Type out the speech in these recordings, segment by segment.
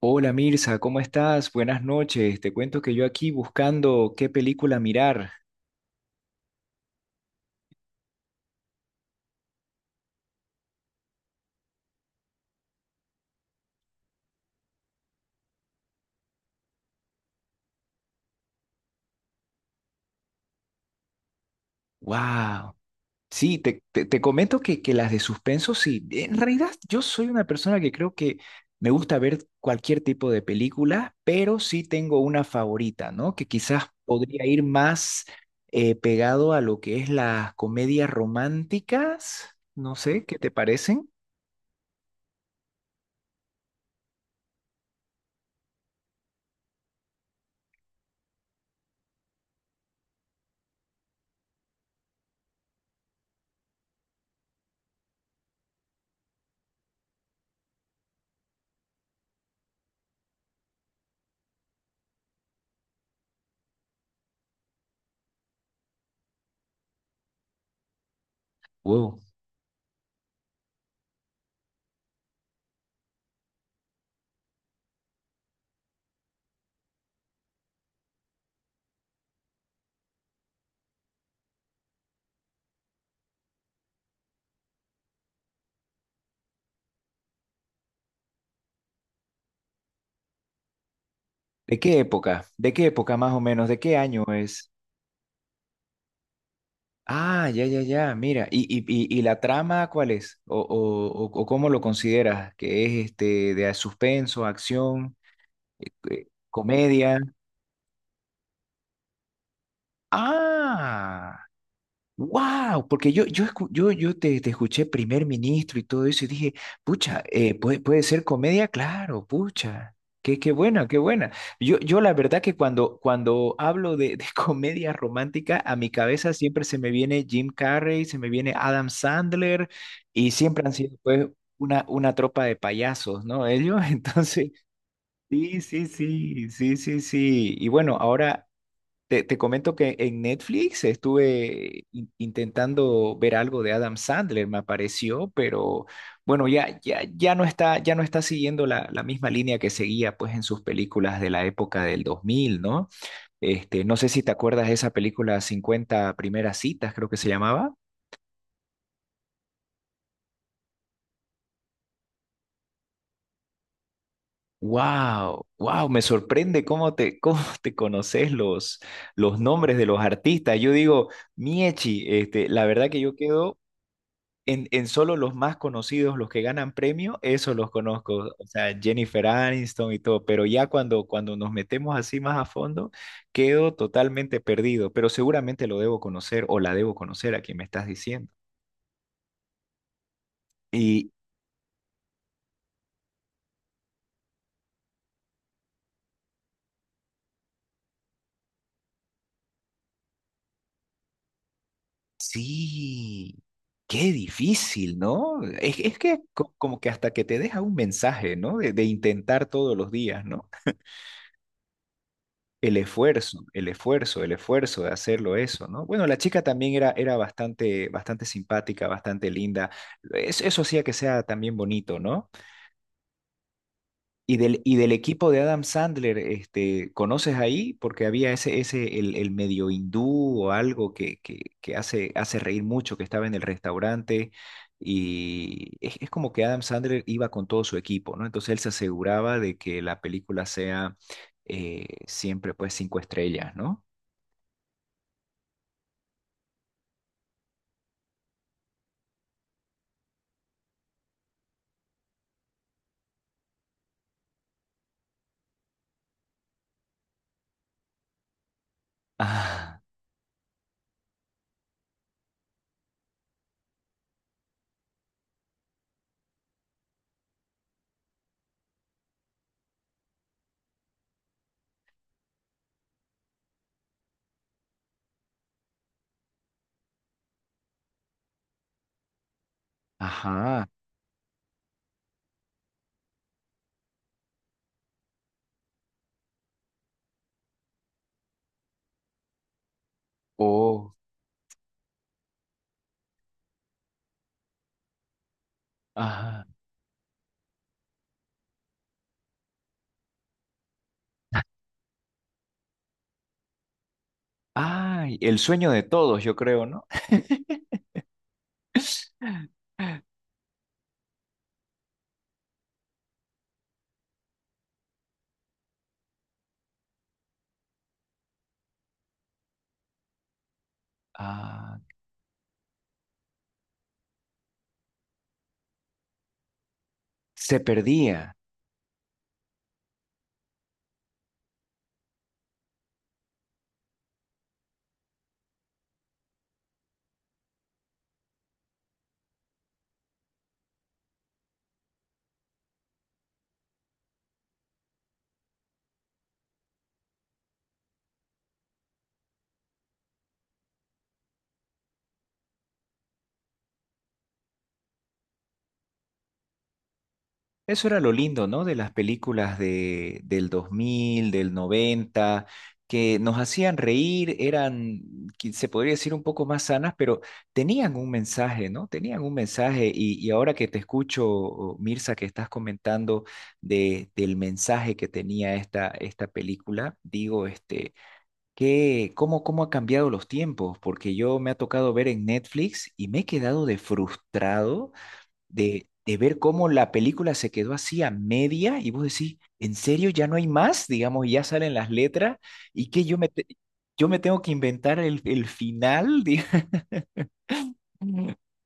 Hola Mirza, ¿cómo estás? Buenas noches. Te cuento que yo aquí buscando qué película mirar. ¡Wow! Sí, te comento que las de suspenso, sí. En realidad, yo soy una persona que creo que me gusta ver cualquier tipo de película, pero sí tengo una favorita, ¿no? Que quizás podría ir más pegado a lo que es las comedias románticas. No sé, ¿qué te parecen? Wow. ¿De qué época? ¿De qué época más o menos? ¿De qué año es? Ah, ya, ya, ya, mira, ¿y la trama cuál es? ¿O cómo lo consideras? ¿Que es este de suspenso, acción, comedia? Ah. Wow, porque yo, escu- yo te escuché primer ministro y todo eso y dije, pucha, puede ser comedia, claro, pucha, qué buena, qué buena. Yo la verdad que cuando hablo de comedia romántica, a mi cabeza siempre se me viene Jim Carrey, se me viene Adam Sandler y siempre han sido pues una tropa de payasos, ¿no? Ellos, entonces, sí, sí, sí, sí, sí, sí. Y bueno, ahora... Te comento que en Netflix estuve in- intentando ver algo de Adam Sandler, me apareció, pero bueno, ya no está siguiendo la, la misma línea que seguía pues en sus películas de la época del 2000, ¿no? Este, no sé si te acuerdas de esa película 50 primeras citas, creo que se llamaba. Wow, wow, me sorprende cómo te, cómo te conoces los nombres de los artistas. Yo digo, Miechi, este, la verdad que yo quedo. En solo los más conocidos, los que ganan premio, eso los conozco, o sea, Jennifer Aniston y todo, pero ya cuando nos metemos así más a fondo, quedo totalmente perdido, pero seguramente lo debo conocer o la debo conocer a quien me estás diciendo. Y sí, qué difícil, ¿no? Es que co- como que hasta que te deja un mensaje, ¿no? De intentar todos los días, ¿no? El esfuerzo, el esfuerzo, el esfuerzo de hacerlo eso, ¿no? Bueno, la chica también era, era bastante, bastante simpática, bastante linda. Es- eso hacía que sea también bonito, ¿no? Y del equipo de Adam Sandler, este, ¿conoces ahí? Porque había ese, el medio hindú o algo que hace, hace reír mucho, que estaba en el restaurante. Y es como que Adam Sandler iba con todo su equipo, ¿no? Entonces él se aseguraba de que la película sea siempre pues 5 estrellas, ¿no? Ah, ajá. Oh, ajá. Ay, el sueño de todos, yo creo, ¿no? Ah, se perdía. Eso era lo lindo, ¿no? De las películas de, del 2000, del 90, que nos hacían reír, eran, qui- se podría decir, un poco más sanas, pero tenían un mensaje, ¿no? Tenían un mensaje. Y ahora que te escucho, Mirza, que estás comentando de, del mensaje que tenía esta, esta película, digo, este... ¿Qué, cómo, cómo ha cambiado los tiempos? Porque yo me ha tocado ver en Netflix y me he quedado de frustrado de ver cómo la película se quedó así a media y vos decís, ¿en serio ya no hay más? Digamos, ya salen las letras y que yo me, te- yo me tengo que inventar el final.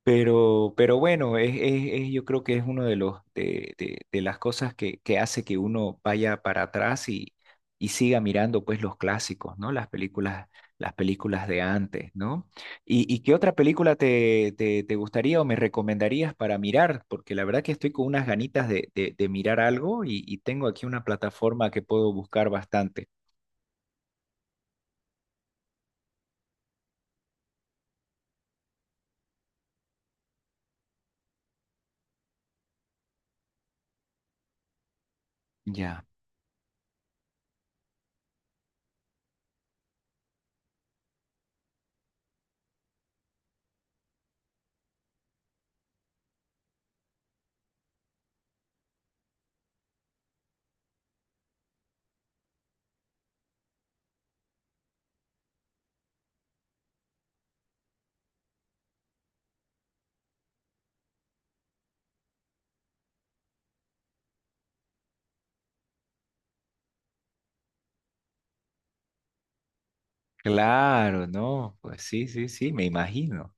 Pero bueno, es- yo creo que es uno de los de las cosas que hace que uno vaya para atrás y siga mirando pues los clásicos, ¿no? Las películas de antes, ¿no? Y qué otra película te gustaría o me recomendarías para mirar? Porque la verdad que estoy con unas ganitas de mirar algo y tengo aquí una plataforma que puedo buscar bastante. Ya, claro, no, pues sí, sí, sí, me imagino.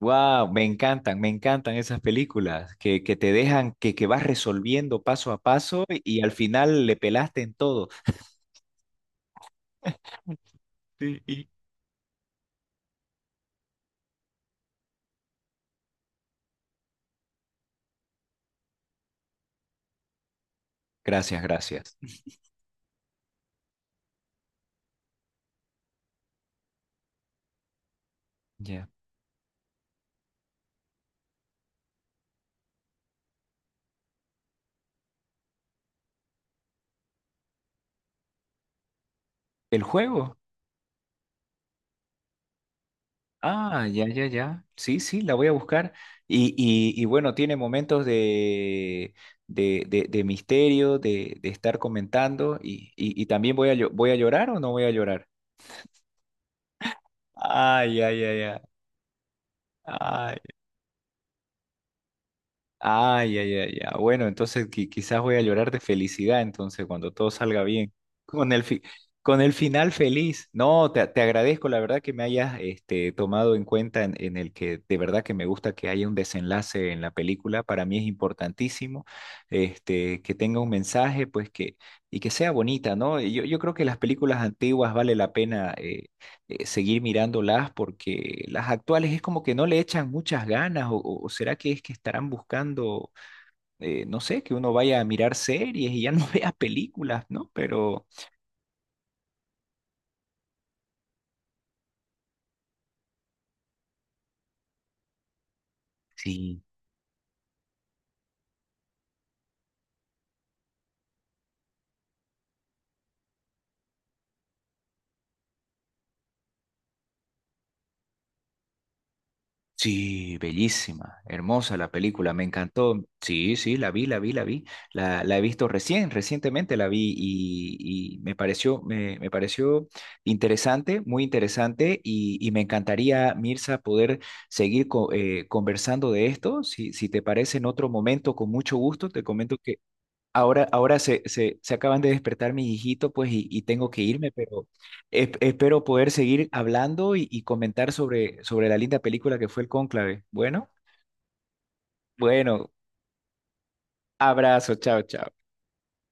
Wow, me encantan esas películas que te dejan, que vas resolviendo paso a paso y, al final le pelaste en todo. Sí, y- gracias, gracias. Ya. ¿El juego? Ah, ya, ya, ya. Sí, sí, la voy a buscar. Y bueno, tiene momentos de, de misterio, de estar comentando. Y también voy a, llo- voy a llorar o no voy a llorar. Ay, ay, ay, ay. Ay. Ay, ay, ay, ya. Bueno, entonces qui- quizás voy a llorar de felicidad, entonces, cuando todo salga bien. Con el fi- con el final feliz. No, te agradezco, la verdad, que me hayas este, tomado en cuenta en el que de verdad que me gusta que haya un desenlace en la película. Para mí es importantísimo este, que tenga un mensaje, pues que, y que sea bonita, ¿no? Y yo creo que las películas antiguas vale la pena seguir mirándolas porque las actuales es como que no le echan muchas ganas o será que es que estarán buscando, no sé, que uno vaya a mirar series y ya no vea películas, ¿no? Pero sí. Sí, bellísima, hermosa la película, me encantó. Sí, sí, la vi, la vi, la vi. La he visto recién, recientemente la vi y me pareció, me pareció interesante, muy interesante y me encantaría, Mirza, poder seguir co- conversando de esto. Si, si te parece en otro momento, con mucho gusto, te comento que. Ahora, ahora se, se acaban de despertar mis hijitos, pues, y tengo que irme, pero es- espero poder seguir hablando y comentar sobre, sobre la linda película que fue El Cónclave. Bueno, bueno, abrazo, chao, chao.